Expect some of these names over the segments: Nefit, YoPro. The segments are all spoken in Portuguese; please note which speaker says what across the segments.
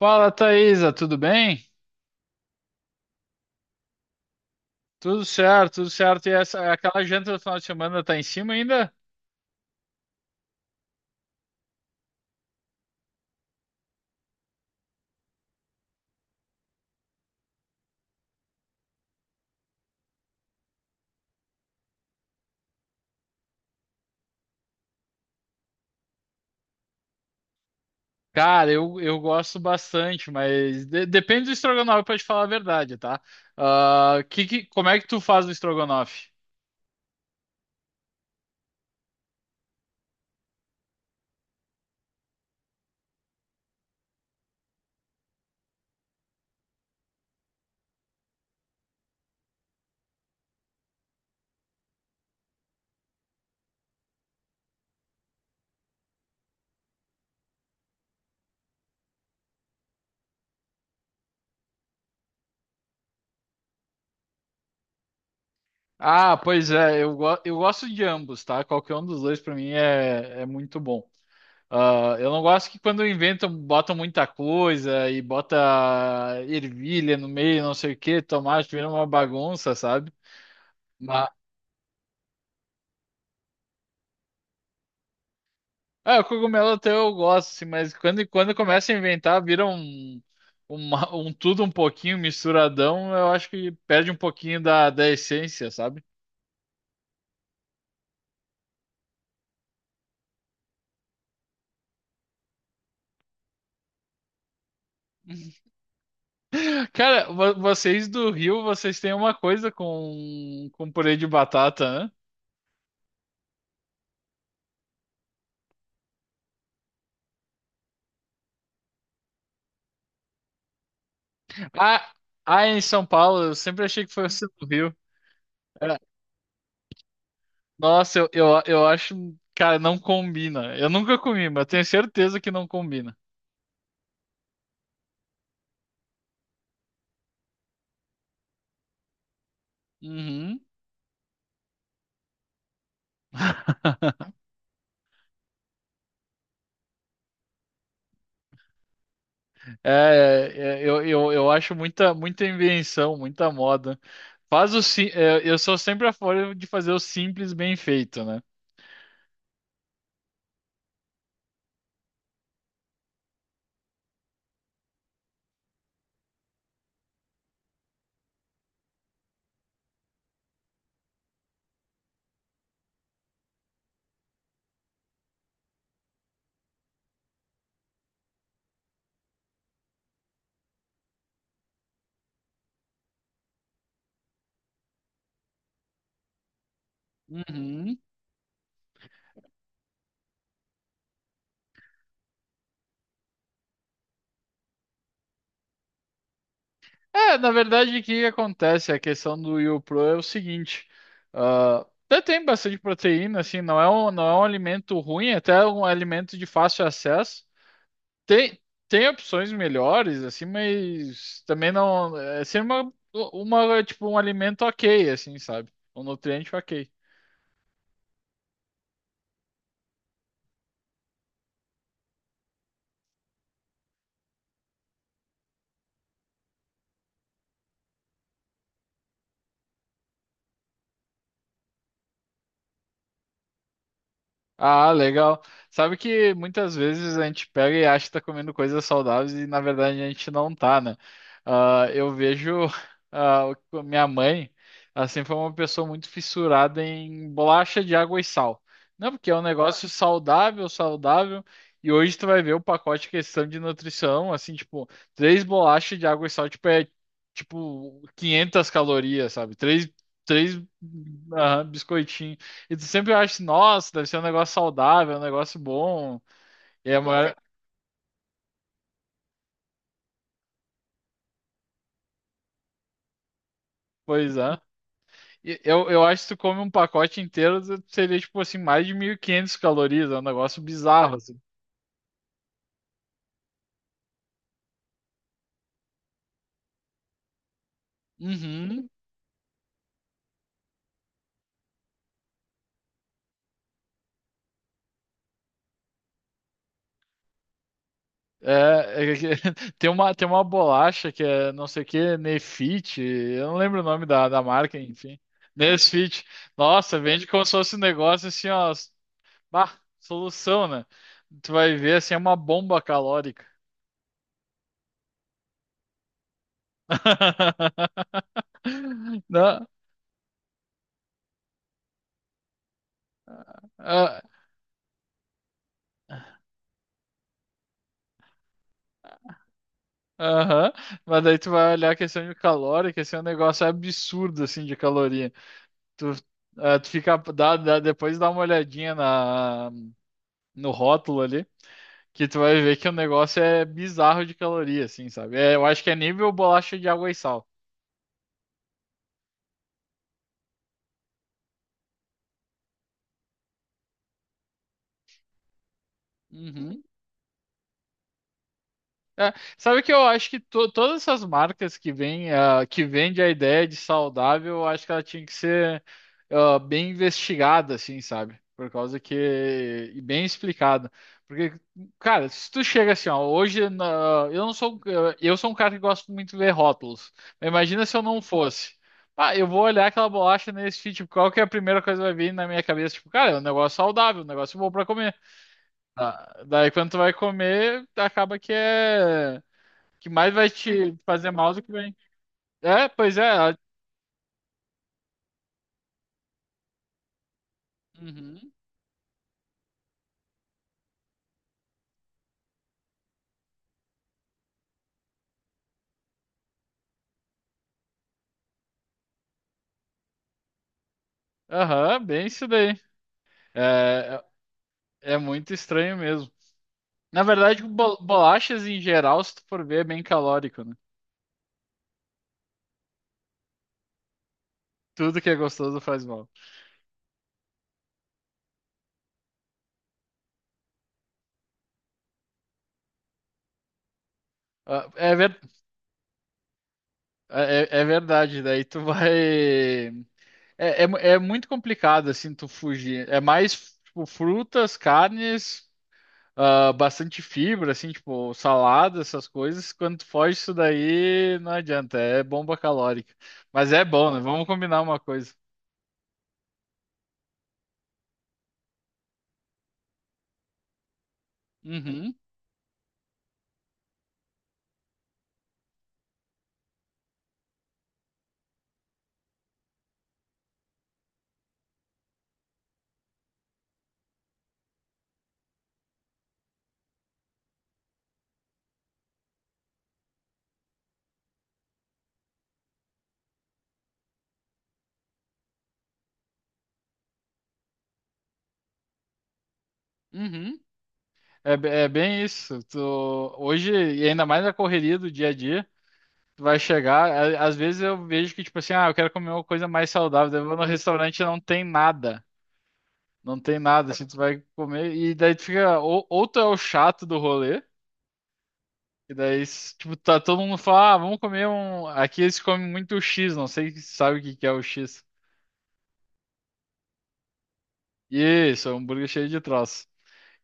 Speaker 1: Fala, Thaisa, tudo bem? Tudo certo, tudo certo. E essa, aquela janta do final de semana tá em cima ainda? Cara, eu gosto bastante, mas depende do estrogonofe pra te falar a verdade, tá? Ah, como é que tu faz o estrogonofe? Ah, pois é, eu gosto de ambos, tá? Qualquer um dos dois pra mim é muito bom. Ah, eu não gosto que quando inventam, botam muita coisa e bota ervilha no meio, não sei o que, tomate, vira uma bagunça, sabe? Ah, o cogumelo até eu gosto, assim, mas quando começa a inventar, vira um tudo um pouquinho misturadão, eu acho que perde um pouquinho da essência, sabe? Cara, vocês do Rio, vocês têm uma coisa com purê de batata, né? Ah, ah, em São Paulo, eu sempre achei que fosse do Rio. É, nossa, eu acho, cara, não combina. Eu nunca comi, mas tenho certeza que não combina. Uhum. É, é, É, eu acho muita, muita invenção, muita moda. Faz eu sou sempre a favor de fazer o simples bem feito, né? Uhum. É, na verdade, o que que acontece? A questão do YoPro é o seguinte: ah, até tem bastante proteína, assim, não é um alimento ruim, até é um alimento de fácil acesso. Tem, Tem opções melhores, assim, mas também não. É sempre tipo, um alimento ok, assim, sabe? Um nutriente ok. Ah, legal. Sabe que muitas vezes a gente pega e acha que tá comendo coisas saudáveis e na verdade a gente não tá, né? Ah, eu vejo ah, minha mãe, assim foi uma pessoa muito fissurada em bolacha de água e sal. Não, porque é um negócio saudável, saudável. E hoje tu vai ver o pacote de questão de nutrição, assim, tipo, três bolachas de água e sal, tipo, tipo 500 calorias, sabe? Três, três ah, biscoitinhos. E tu sempre acha, nossa, deve ser um negócio saudável, um negócio bom. E é a maior. Pois é. E eu acho que tu come um pacote inteiro, seria tipo assim, mais de 1.500 calorias. É um negócio bizarro, assim. Uhum. É, é que- tem uma bolacha que é não sei o que, Nefit, eu não lembro o nome da marca, enfim. Nesfit. Nossa, vende como se fosse um negócio assim, ó. Bah, solução, né? Tu vai ver assim, é uma bomba calórica. Não, ah, aham, mas daí tu vai olhar a questão de calórica, que esse é um negócio absurdo, assim, de caloria. Tu, ah, tu fica, depois dá uma olhadinha na, no rótulo ali, que tu vai ver que o negócio é bizarro de caloria, assim, sabe? É, eu acho que é nível bolacha de água e sal. Uhum. É, sabe que eu acho que todas essas marcas que vêm, ah, que vende a ideia de saudável, eu acho que ela tinha que ser, ah, bem investigada, assim, sabe? Por causa que. E bem explicada. Porque, cara, se tu chega assim, ó, eu não sou. Eu sou um cara que gosto muito de ver rótulos. Mas imagina se eu não fosse. Ah, eu vou olhar aquela bolacha nesse fit, tipo, qual que é a primeira coisa que vai vir na minha cabeça? Tipo, cara, é um negócio saudável, um negócio bom pra comer. Ah, daí quando tu vai comer, acaba que que mais vai te fazer mal do que bem. É, pois é. A- Uhum. Aham, bem isso daí. É, é é muito estranho mesmo. Na verdade, bolachas em geral, se tu for ver, é bem calórico, né? Tudo que é gostoso faz mal. Ah, é, é, é é verdade, daí tu vai. É muito complicado, assim, tu fugir. É mais, tipo, frutas, carnes, ah, bastante fibra, assim, tipo salada, essas coisas. Quando tu foge disso daí, não adianta, é bomba calórica. Mas é bom, né? Vamos combinar uma coisa. Uhum, uhum. É, é bem isso. Tu, hoje, e ainda mais na correria do dia a dia, tu vai chegar. A- Às vezes eu vejo que, tipo assim, ah, eu quero comer uma coisa mais saudável. Daí eu vou no restaurante e não tem nada. Não tem nada, assim, tu vai comer. E daí tu fica. Ou tu é o chato do rolê. E daí, tipo, tá todo mundo fala, ah, vamos comer um. Aqui eles comem muito X, não sei se sabe o que que é o X. Isso, é um hambúrguer cheio de troço.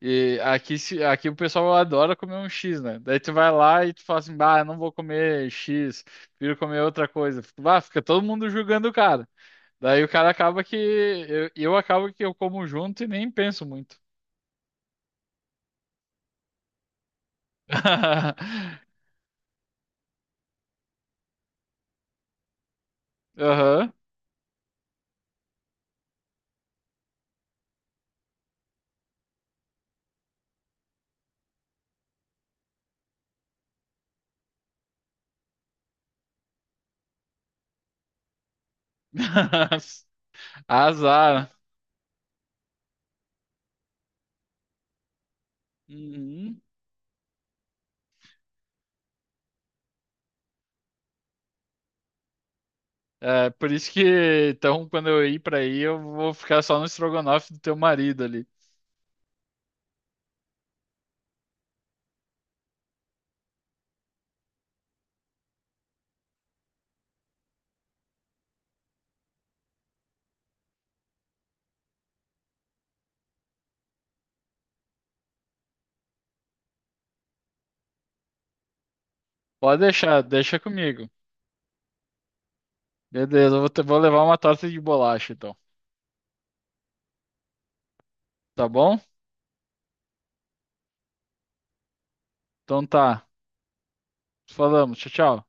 Speaker 1: E aqui, aqui o pessoal adora comer um X, né? Daí tu vai lá e tu fala assim, bah, eu não vou comer X, prefiro comer outra coisa. Fica- Bah, fica todo mundo julgando o cara. Daí o cara acaba que. Eu acabo que eu como junto e nem penso muito. Aham. Azar. Uhum. É, por isso que, então, quando eu ir pra aí, eu vou ficar só no estrogonofe do teu marido ali. Pode deixar, deixa comigo. Beleza, eu vou, vou levar uma torta de bolacha, então. Tá bom? Então tá. Falamos. Tchau, tchau.